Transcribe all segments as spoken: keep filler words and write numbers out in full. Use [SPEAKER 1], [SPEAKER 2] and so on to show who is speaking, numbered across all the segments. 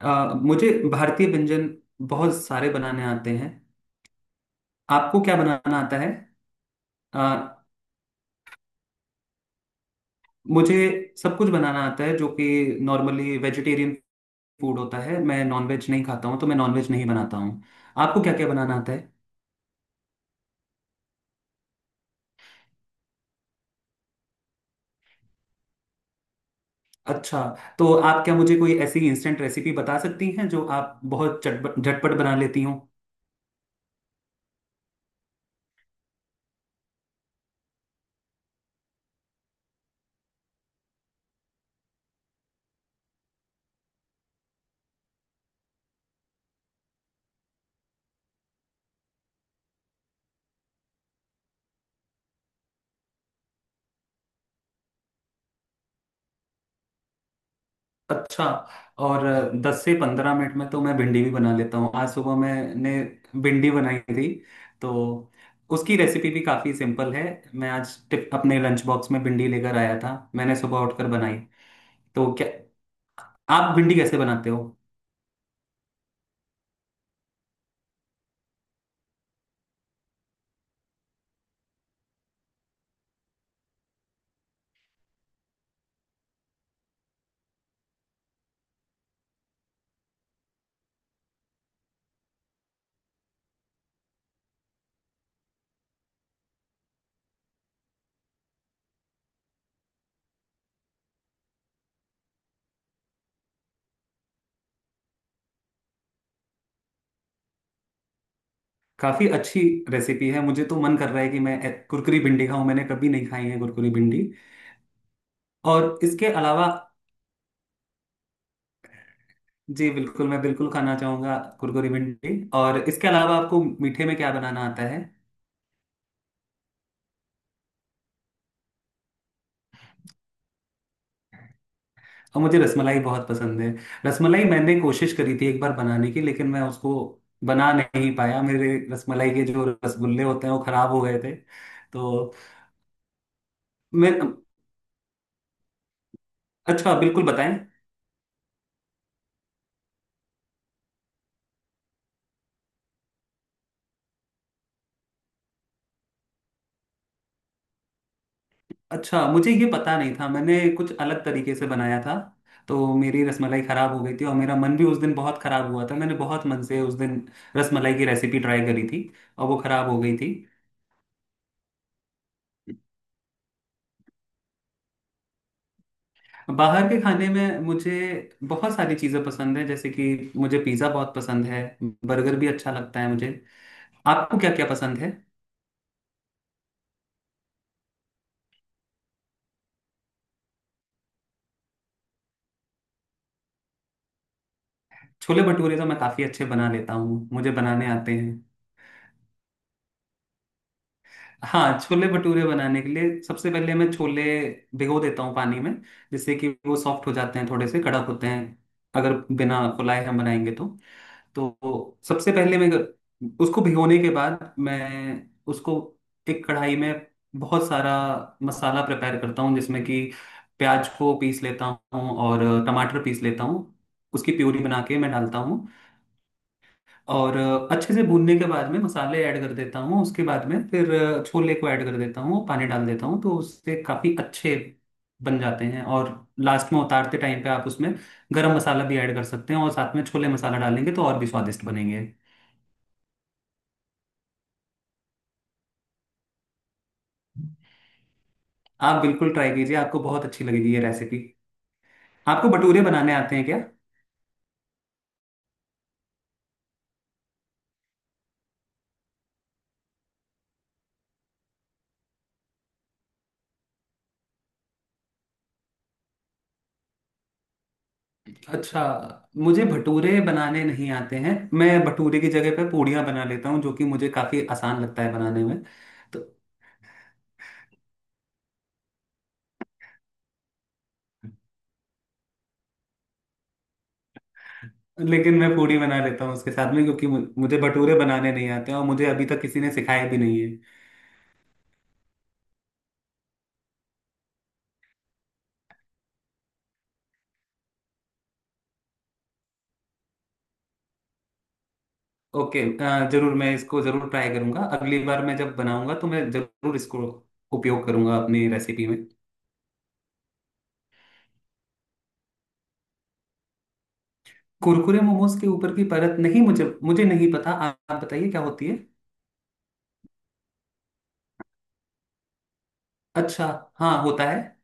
[SPEAKER 1] अ, मुझे भारतीय व्यंजन बहुत सारे बनाने आते हैं। आपको क्या बनाना आता है? अ, मुझे सब कुछ बनाना आता है जो कि नॉर्मली वेजिटेरियन फूड होता है। मैं नॉनवेज नहीं खाता हूँ तो मैं नॉनवेज नहीं बनाता हूँ। आपको क्या क्या बनाना आता है? अच्छा, तो आप क्या मुझे कोई ऐसी इंस्टेंट रेसिपी बता सकती हैं जो आप बहुत चटपट झटपट बना लेती हो? अच्छा। और दस से पंद्रह मिनट में तो मैं भिंडी भी बना लेता हूँ। आज सुबह मैंने भिंडी बनाई थी। तो उसकी रेसिपी भी काफ़ी सिंपल है। मैं आज टिप, अपने लंच बॉक्स में भिंडी लेकर आया था, मैंने सुबह उठकर बनाई। तो क्या आप भिंडी कैसे बनाते हो? काफ़ी अच्छी रेसिपी है, मुझे तो मन कर रहा है कि मैं ए- कुरकुरी भिंडी खाऊं। मैंने कभी नहीं खाई है कुरकुरी भिंडी। और इसके अलावा? जी बिल्कुल, मैं बिल्कुल खाना चाहूंगा कुरकुरी भिंडी। और इसके अलावा आपको मीठे में क्या बनाना आता है? और मुझे रसमलाई बहुत पसंद है। रसमलाई मैंने कोशिश करी थी एक बार बनाने की, लेकिन मैं उसको बना नहीं पाया। मेरे रसमलाई के जो रसगुल्ले होते हैं वो खराब हो गए थे। तो मैं, अच्छा, बिल्कुल बताएं। अच्छा, मुझे ये पता नहीं था, मैंने कुछ अलग तरीके से बनाया था। तो मेरी रसमलाई खराब हो गई थी और मेरा मन भी उस दिन बहुत खराब हुआ था। मैंने बहुत मन से उस दिन रसमलाई की रेसिपी ट्राई करी थी और वो खराब हो गई थी। बाहर के खाने में मुझे बहुत सारी चीज़ें पसंद है, जैसे कि मुझे पिज़्ज़ा बहुत पसंद है, बर्गर भी अच्छा लगता है मुझे। आपको क्या क्या पसंद है? छोले भटूरे तो मैं काफ़ी अच्छे बना लेता हूँ, मुझे बनाने आते हैं। हाँ, छोले भटूरे बनाने के लिए सबसे पहले मैं छोले भिगो देता हूँ पानी में, जिससे कि वो सॉफ्ट हो जाते हैं। थोड़े से कड़क होते हैं अगर बिना फुलाए हम बनाएंगे तो। तो सबसे पहले मैं उसको भिगोने के बाद मैं उसको एक कढ़ाई में बहुत सारा मसाला प्रिपेयर करता हूँ, जिसमें कि प्याज को पीस लेता हूँ और टमाटर पीस लेता हूँ, उसकी प्यूरी बना के मैं डालता हूँ। और अच्छे से भूनने के बाद में मसाले ऐड कर देता हूँ, उसके बाद में फिर छोले को ऐड कर देता हूँ, पानी डाल देता हूँ, तो उससे काफ़ी अच्छे बन जाते हैं। और लास्ट में उतारते टाइम पे आप उसमें गरम मसाला भी ऐड कर सकते हैं, और साथ में छोले मसाला डालेंगे तो और भी स्वादिष्ट बनेंगे। आप बिल्कुल ट्राई कीजिए, आपको बहुत अच्छी लगेगी ये रेसिपी। आपको भटूरे बनाने आते हैं क्या? अच्छा, मुझे भटूरे बनाने नहीं आते हैं। मैं भटूरे की जगह पे पूड़ियाँ बना लेता हूँ जो कि मुझे काफ़ी आसान लगता है बनाने में। तो लेकिन मैं पूड़ी बना लेता हूँ उसके साथ में, क्योंकि मु- मुझे भटूरे बनाने नहीं आते हैं और मुझे अभी तक किसी ने सिखाया भी नहीं है। ओके, अ, जरूर मैं इसको जरूर ट्राई करूंगा। अगली बार मैं जब बनाऊंगा तो मैं जरूर इसको उपयोग करूंगा अपनी रेसिपी में। कुरकुरे मोमोज के ऊपर की परत नहीं, मुझे मुझे नहीं पता, आ- आप बताइए क्या होती है। अच्छा। हाँ, होता है।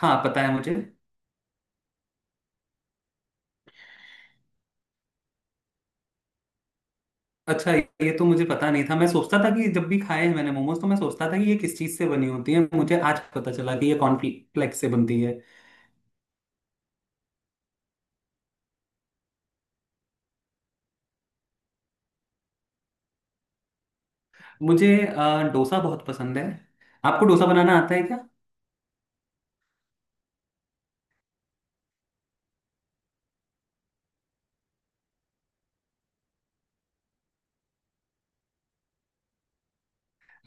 [SPEAKER 1] हाँ, पता है मुझे। अच्छा, ये तो मुझे पता नहीं था। मैं सोचता था कि जब भी खाए हैं मैंने मोमोज तो मैं सोचता था कि ये किस चीज़ से बनी होती है। मुझे आज पता चला कि ये कॉर्नफ्लेक्स से बनती है। मुझे अ, डोसा बहुत पसंद है। आपको डोसा बनाना आता है?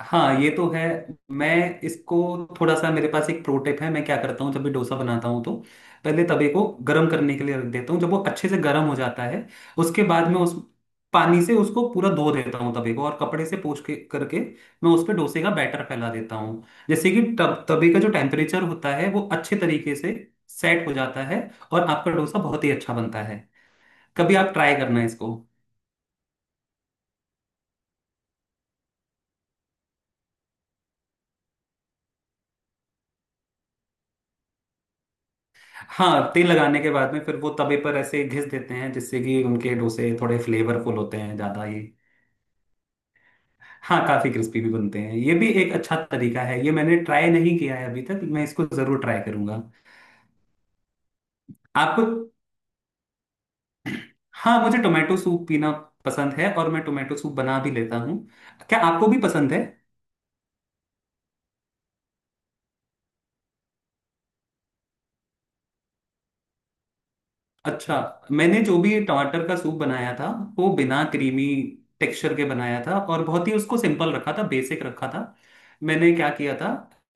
[SPEAKER 1] हाँ, ये तो है। मैं इसको थोड़ा सा, मेरे पास एक प्रो टिप है। मैं क्या करता हूँ, जब भी डोसा बनाता हूँ तो पहले तवे को गर्म करने के लिए रख देता हूँ। जब वो अच्छे से गर्म हो जाता है, उसके बाद मैं उस पानी से उसको पूरा धो देता हूँ, तवे को, और कपड़े से पोंछ के करके मैं उस पर डोसे का बैटर फैला देता हूँ। जैसे कि तब तवे का जो टेम्परेचर होता है वो अच्छे तरीके से सेट हो जाता है, और आपका डोसा बहुत ही अच्छा बनता है। कभी आप ट्राई करना इसको। हाँ, तेल लगाने के बाद में फिर वो तवे पर ऐसे घिस देते हैं, जिससे कि उनके डोसे थोड़े फ्लेवरफुल होते हैं ज्यादा ही। हाँ, काफी क्रिस्पी भी बनते हैं। ये भी एक अच्छा तरीका है, ये मैंने ट्राई नहीं किया है अभी तक, मैं इसको जरूर ट्राई करूंगा। आपको? हाँ, मुझे टोमेटो सूप पीना पसंद है, और मैं टोमेटो सूप बना भी लेता हूँ। क्या आपको भी पसंद है? अच्छा, मैंने जो भी टमाटर का सूप बनाया था वो बिना क्रीमी टेक्सचर के बनाया था, और बहुत ही उसको सिंपल रखा था, बेसिक रखा था। मैंने क्या किया था,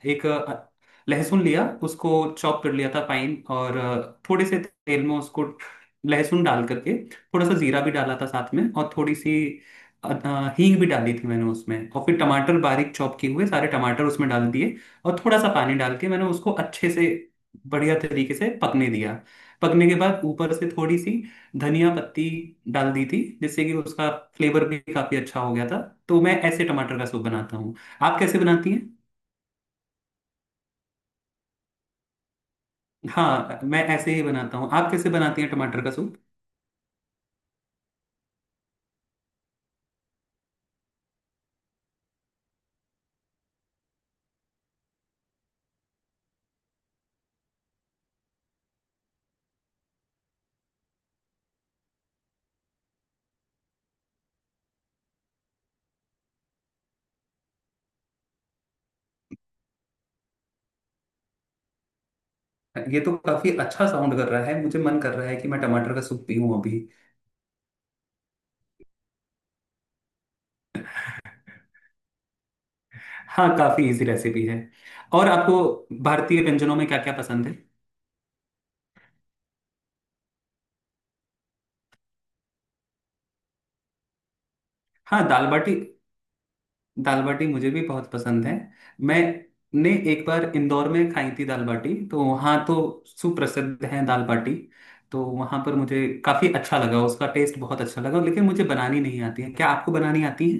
[SPEAKER 1] एक अ, लहसुन लिया, उसको चॉप कर लिया था फाइन, और अ, थोड़े से तेल में उसको लहसुन डाल करके, थोड़ा सा जीरा भी डाला था साथ में, और थोड़ी सी अ, अ, हींग भी डाली थी मैंने उसमें। और फिर टमाटर बारीक चॉप किए हुए सारे टमाटर उसमें डाल दिए और थोड़ा सा पानी डाल के मैंने उसको अच्छे से बढ़िया तरीके से पकने दिया। पकने के बाद ऊपर से थोड़ी सी धनिया पत्ती डाल दी थी, जिससे कि उसका फ्लेवर भी काफी अच्छा हो गया था। तो मैं ऐसे टमाटर का सूप बनाता हूँ। आप कैसे बनाती हैं? हाँ, मैं ऐसे ही बनाता हूँ। आप कैसे बनाती हैं टमाटर का सूप? ये तो काफी अच्छा साउंड कर रहा है, मुझे मन कर रहा है कि मैं टमाटर का सूप पीऊं अभी। हाँ, काफी इजी रेसिपी है। और आपको भारतीय व्यंजनों में क्या क्या पसंद है? हाँ, दाल बाटी। दाल बाटी मुझे भी बहुत पसंद है। मैंने एक बार इंदौर में खाई थी दाल बाटी, तो वहाँ तो सुप्रसिद्ध है दाल बाटी। तो वहाँ पर मुझे काफ़ी अच्छा लगा, उसका टेस्ट बहुत अच्छा लगा, लेकिन मुझे बनानी नहीं आती है। क्या आपको बनानी आती है?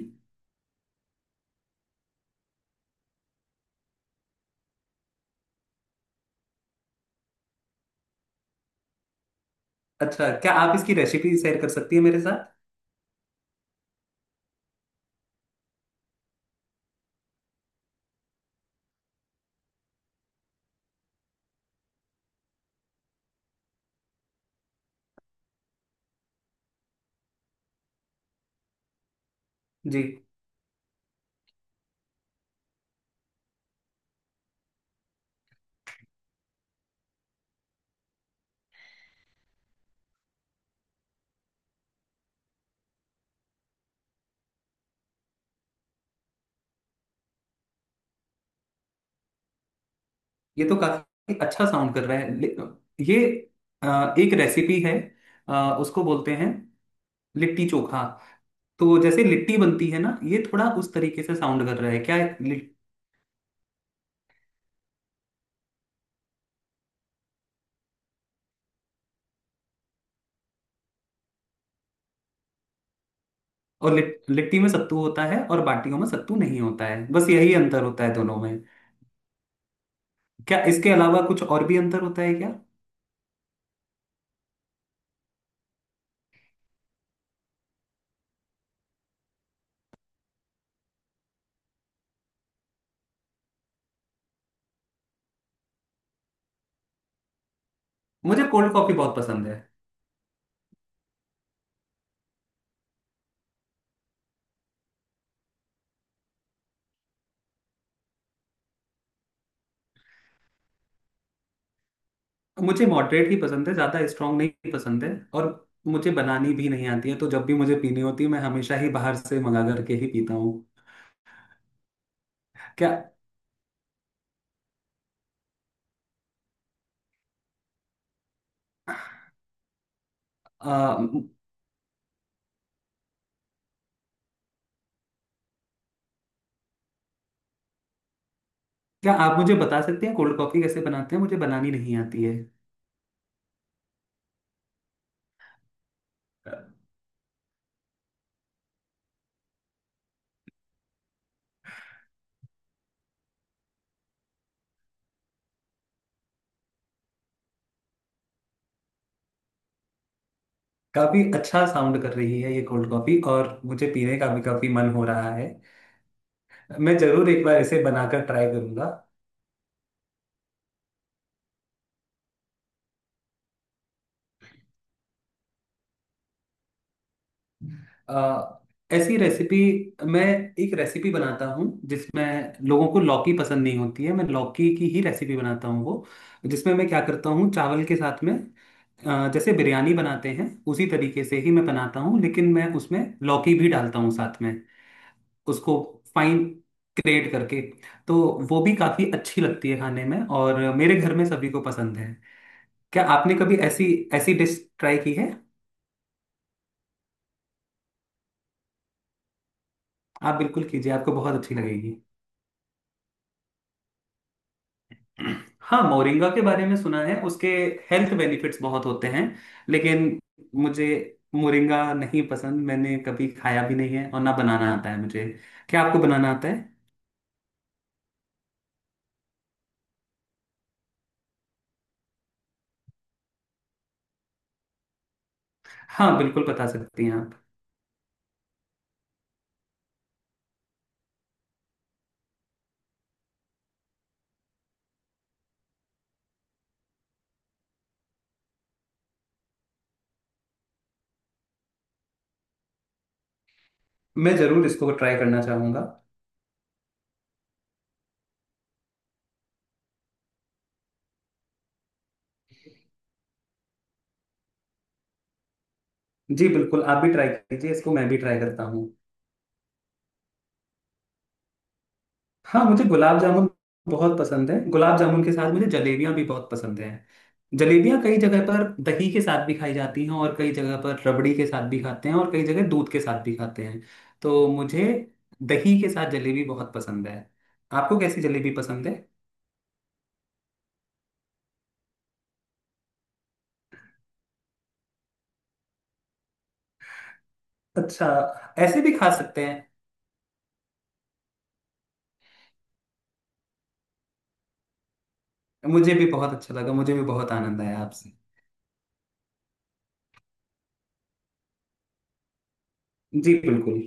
[SPEAKER 1] अच्छा, क्या आप इसकी रेसिपी शेयर कर सकती है मेरे साथ? जी। ये तो काफ़ी अच्छा साउंड कर रहा है। ले- ये अ, एक रेसिपी है, अ, उसको बोलते हैं लिट्टी चोखा। तो जैसे लिट्टी बनती है ना, ये थोड़ा उस तरीके से साउंड कर रहा है क्या? और लिट, लिट्टी में सत्तू होता है और बाटियों में सत्तू नहीं होता है, बस यही अंतर होता है दोनों में। क्या इसके अलावा कुछ और भी अंतर होता है क्या? मुझे कोल्ड कॉफी बहुत पसंद है। मुझे मॉडरेट ही पसंद है, ज्यादा स्ट्रांग नहीं पसंद है, और मुझे बनानी भी नहीं आती है, तो जब भी मुझे पीनी होती है मैं हमेशा ही बाहर से मंगा करके ही पीता हूँ। क्या आ, क्या आप मुझे बता सकते हैं कोल्ड कॉफी कैसे बनाते हैं, मुझे बनानी नहीं आती है? काफी अच्छा साउंड कर रही है ये कोल्ड कॉफी, और मुझे पीने का भी काफी मन हो रहा है। मैं जरूर एक बार ऐसे बनाकर ट्राई करूंगा। अ, ऐसी रेसिपी, मैं एक रेसिपी बनाता हूँ जिसमें लोगों को लौकी पसंद नहीं होती है, मैं लौकी की ही रेसिपी बनाता हूँ वो, जिसमें मैं क्या करता हूँ, चावल के साथ में अ, जैसे बिरयानी बनाते हैं उसी तरीके से ही मैं बनाता हूँ, लेकिन मैं उसमें लौकी भी डालता हूँ साथ में, उसको फाइन ग्रेट करके। तो वो भी काफी अच्छी लगती है खाने में, और मेरे घर में सभी को पसंद है। क्या आपने कभी ऐसी ऐसी डिश ट्राई की है? आप बिल्कुल कीजिए, आपको बहुत अच्छी लगेगी। हाँ, मोरिंगा के बारे में सुना है, उसके हेल्थ बेनिफिट्स बहुत होते हैं। लेकिन मुझे मोरिंगा नहीं पसंद, मैंने कभी खाया भी नहीं है और ना बनाना आता है मुझे। क्या आपको बनाना आता है? हाँ, बिल्कुल बता सकती हैं आप। मैं जरूर इसको ट्राई करना चाहूंगा। जी बिल्कुल, आप भी ट्राई कीजिए इसको, मैं भी ट्राई करता हूँ। हाँ, मुझे गुलाब जामुन बहुत पसंद है। गुलाब जामुन के साथ मुझे जलेबियाँ भी बहुत पसंद हैं। जलेबियाँ कई जगह पर दही के साथ भी खाई जाती हैं, और कई जगह पर रबड़ी के साथ भी खाते हैं, और कई जगह दूध के साथ भी खाते हैं। तो मुझे दही के साथ जलेबी बहुत पसंद है। आपको कैसी जलेबी पसंद है? अच्छा, ऐसे भी खा सकते हैं। मुझे भी बहुत अच्छा लगा, मुझे भी बहुत आनंद आया आपसे। जी बिल्कुल।